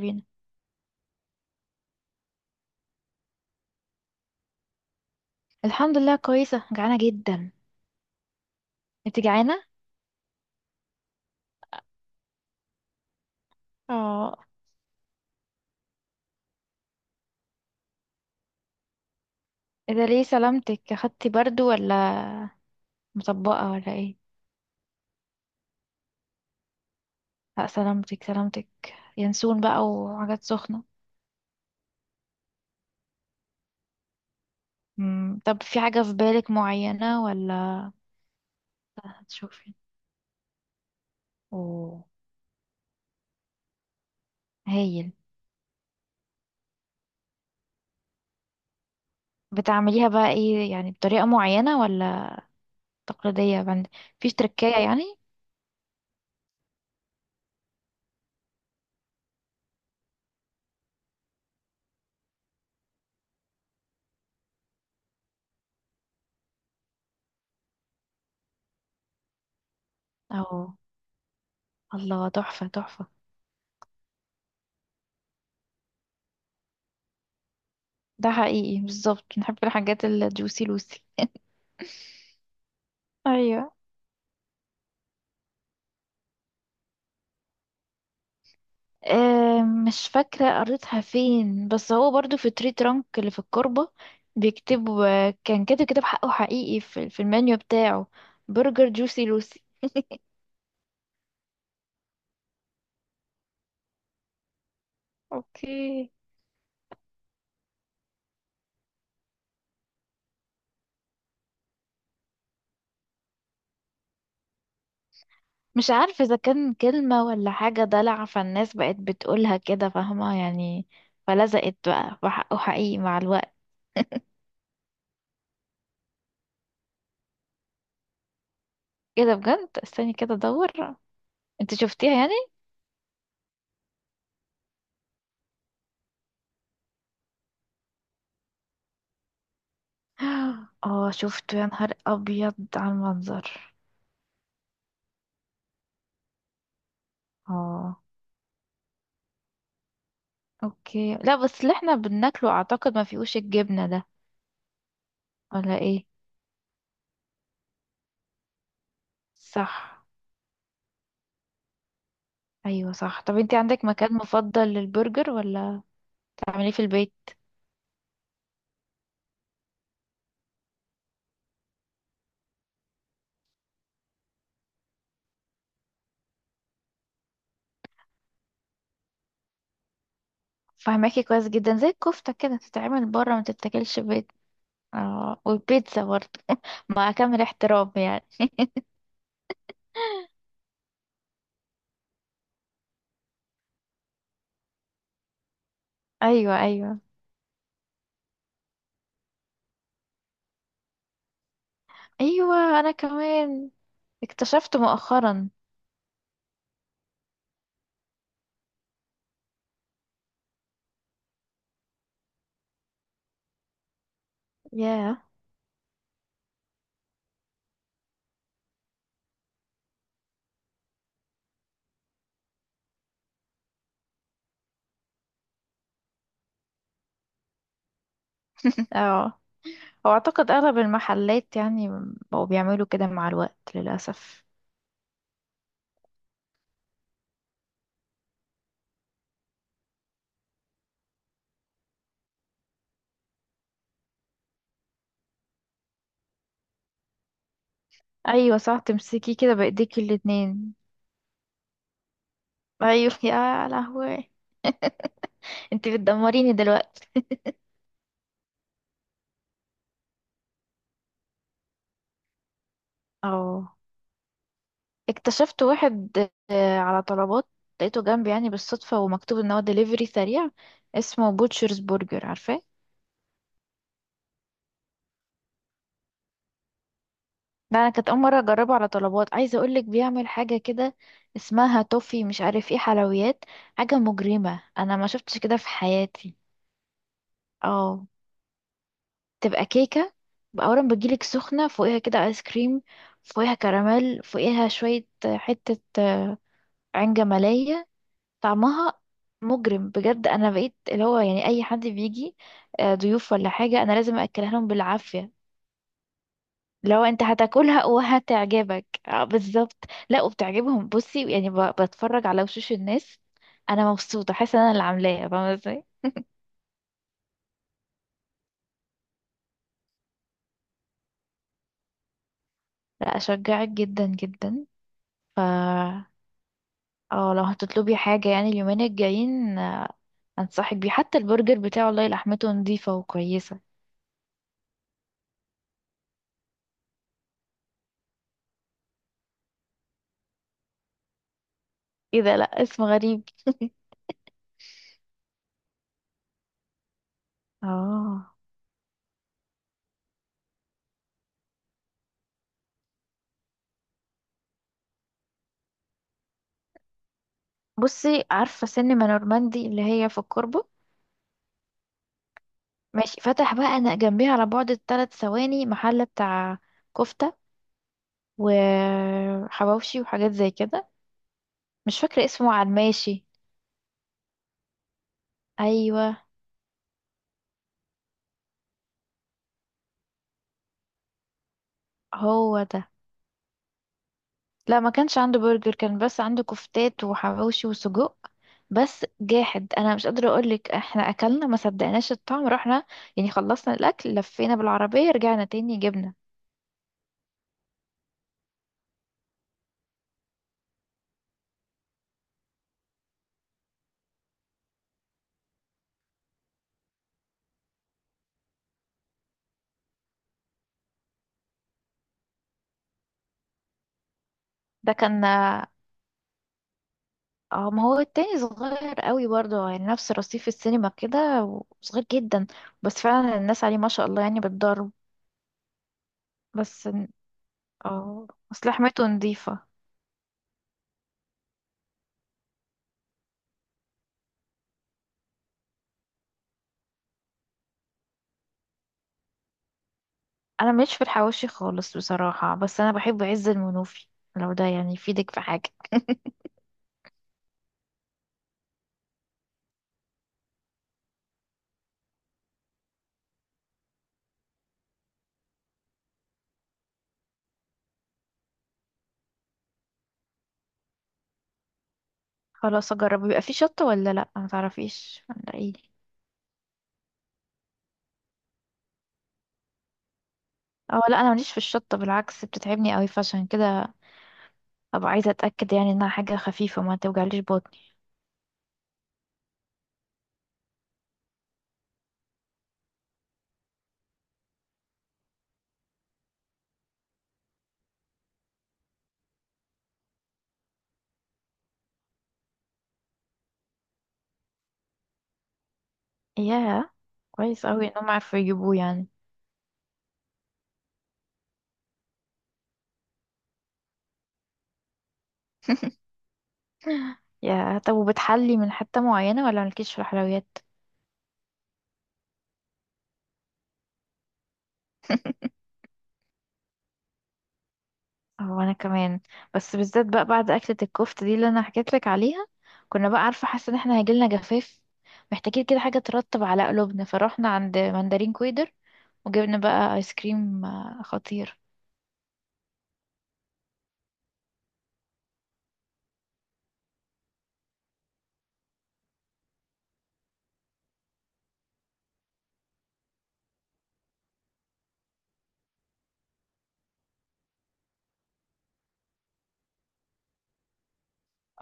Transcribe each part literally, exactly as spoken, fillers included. بينا. الحمد لله، كويسة، جعانة جدا. انت جعانة؟ اه. اذا ليه سلامتك، اخدتي برضو ولا مطبقة ولا ايه؟ لا سلامتك سلامتك. ينسون بقى وحاجات سخنة. مم. طب في حاجة في بالك معينة ولا؟ هتشوفي؟ اوه. هايل. بتعمليها بقى ايه يعني، بطريقة معينة ولا تقليدية بند؟ مفيش تركية يعني؟ اه. الله تحفة تحفة. ده حقيقي، بالظبط نحب الحاجات الجوسي لوسي. ايوه. آه، مش فاكرة قريتها فين، بس هو برضو في تري ترانك اللي في الكربة. بيكتب. كان كاتب كتاب حقه حقيقي في, في المنيو بتاعه. برجر جوسي لوسي. اوكي. مش عارفة إذا كان كلمة ولا حاجة دلع، فالناس بقت بتقولها كده فاهمة يعني. فلزقت بقى وحقه حقيقي مع الوقت. كده بجد، استني كده ادور. انت شفتيها يعني؟ اه شفته يا نهار ابيض على المنظر. اه. اوكي، لا بس اللي احنا بناكله اعتقد ما فيهوش الجبنة ده. ولا ايه؟ صح. ايوه صح. طب انتي عندك مكان مفضل للبرجر ولا تعمليه في البيت؟ فهماكي كويس جدا. زي الكفتة كده، تتعمل بره ما تتاكلش في البيت. اه، والبيتزا برضه مع كامل احترام يعني. ايوه ايوه. ايوه انا كمان. اكتشفت مؤخرا. ياه. اه، هو اعتقد اغلب المحلات يعني بقوا بيعملوا كده مع الوقت للاسف. ايوه صح، تمسكيه كده بايديكي الاتنين. ايوه يا لهوي. انت بتدمريني دلوقتي. اه، اكتشفت واحد. آه، على طلبات. لقيته جنبي يعني بالصدفة، ومكتوب ان هو دليفري سريع. اسمه بوتشرز برجر، عارفاه؟ ده انا كانت اول مرة اجربه على طلبات. عايزة اقولك بيعمل حاجة كده اسمها توفي مش عارف ايه حلويات. حاجة مجرمة، انا ما شفتش كده في حياتي. اه. تبقى كيكة، اولا بتجيلك سخنة، فوقيها كده ايس كريم، فوقيها كراميل، فوقيها شوية آه، حتة آه، عين جمالية. طعمها مجرم بجد. انا بقيت اللي هو يعني اي حد بيجي آه، ضيوف ولا حاجه انا لازم اكلها لهم بالعافيه. لو انت هتاكلها وهتعجبك آه، بالظبط. لا وبتعجبهم، بصي يعني ب- بتفرج على وشوش الناس. انا مبسوطه، حاسه ان انا اللي عاملاها، فاهمه ازاي. لا اشجعك جدا جدا. ف اه لو هتطلبي حاجه يعني اليومين الجايين آه، انصحك بيه. حتى البرجر بتاعه والله لحمته نظيفه وكويسه. ايه ده، لا اسم غريب اه. بصي عارفة سينما نورماندي اللي هي في الكوربة؟ ماشي، فتح بقى أنا جنبيها على بعد ثلاث ثواني محل بتاع كفتة وحواوشي وحاجات زي كده. مش فاكرة اسمه على الماشي. أيوة. هو ده. لا ما كانش عنده برجر، كان بس عنده كفتات وحواوشي وسجق. بس جاحد، انا مش قادره اقولك، احنا اكلنا ما صدقناش الطعم، رحنا يعني خلصنا الاكل لفينا بالعربيه رجعنا تاني جبنا. ده كان. اه ما هو التاني صغير قوي برضه، يعني نفس رصيف السينما كده، وصغير جدا. بس فعلا الناس عليه ما شاء الله يعني بتضرب. بس ن- اه اصل لحمته نضيفة. انا مش في الحواوشي خالص بصراحة، بس انا بحب عز المنوفي. لو ده يعني يفيدك في حاجة. خلاص اجرب. بيبقى فيه شطة ولا لا، ما تعرفيش ولا ايه؟ اه لا، انا ماليش في الشطة بالعكس بتتعبني قوي. فعشان كده ابقى عايزة اتأكد يعني انها حاجة خفيفة ما توجعليش بطني. ياه. كويس قوي انهم عارفين يجيبوه يعني. يا طب وبتحلي من حتة معينة ولا مالكيش في الحلويات؟ هو انا كمان. بس بالذات بقى بعد اكلة الكفتة دي اللي انا حكيت لك عليها، كنا بقى عارفة حاسة ان احنا هيجيلنا جفاف، محتاجين كده حاجة ترطب على قلوبنا، فروحنا عند مندرين كويدر وجبنا بقى ايس كريم آه، خطير.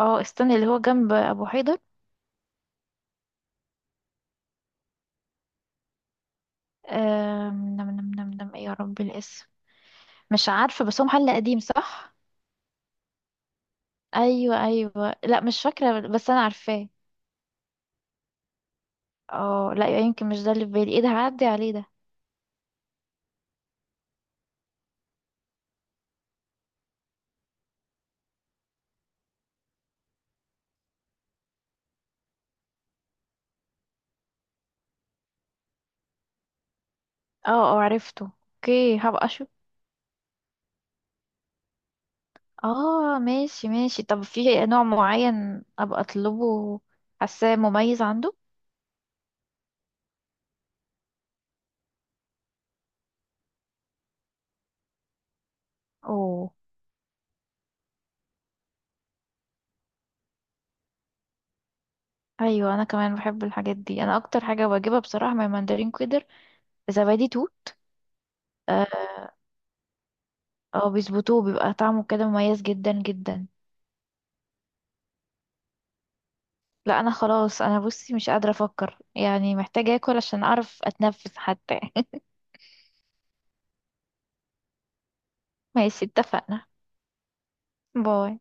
اه استنى، اللي هو جنب ابو حيدر. آم، نم نم نم نم ايه يا رب الاسم. مش عارفة، بس هو محل قديم صح. ايوه ايوه، لا مش فاكرة بس انا عارفاه. اه لا يمكن مش ده اللي في بالي. ايه ده، هعدي عليه ده. اه. اه عرفته. اوكي هبقى اشوف. اه ماشي ماشي. طب في نوع معين ابقى اطلبه حاساه مميز عنده؟ اوه. ايوه انا كمان بحب الحاجات دي. انا اكتر حاجه بجيبها بصراحه من ماندرين كويدر زبادي توت. اه. آه، بيظبطوه بيبقى طعمه كده مميز جدا جدا. لا انا خلاص، انا بصي مش قادره افكر يعني، محتاجه اكل عشان اعرف اتنفس حتى ماشي اتفقنا. باي.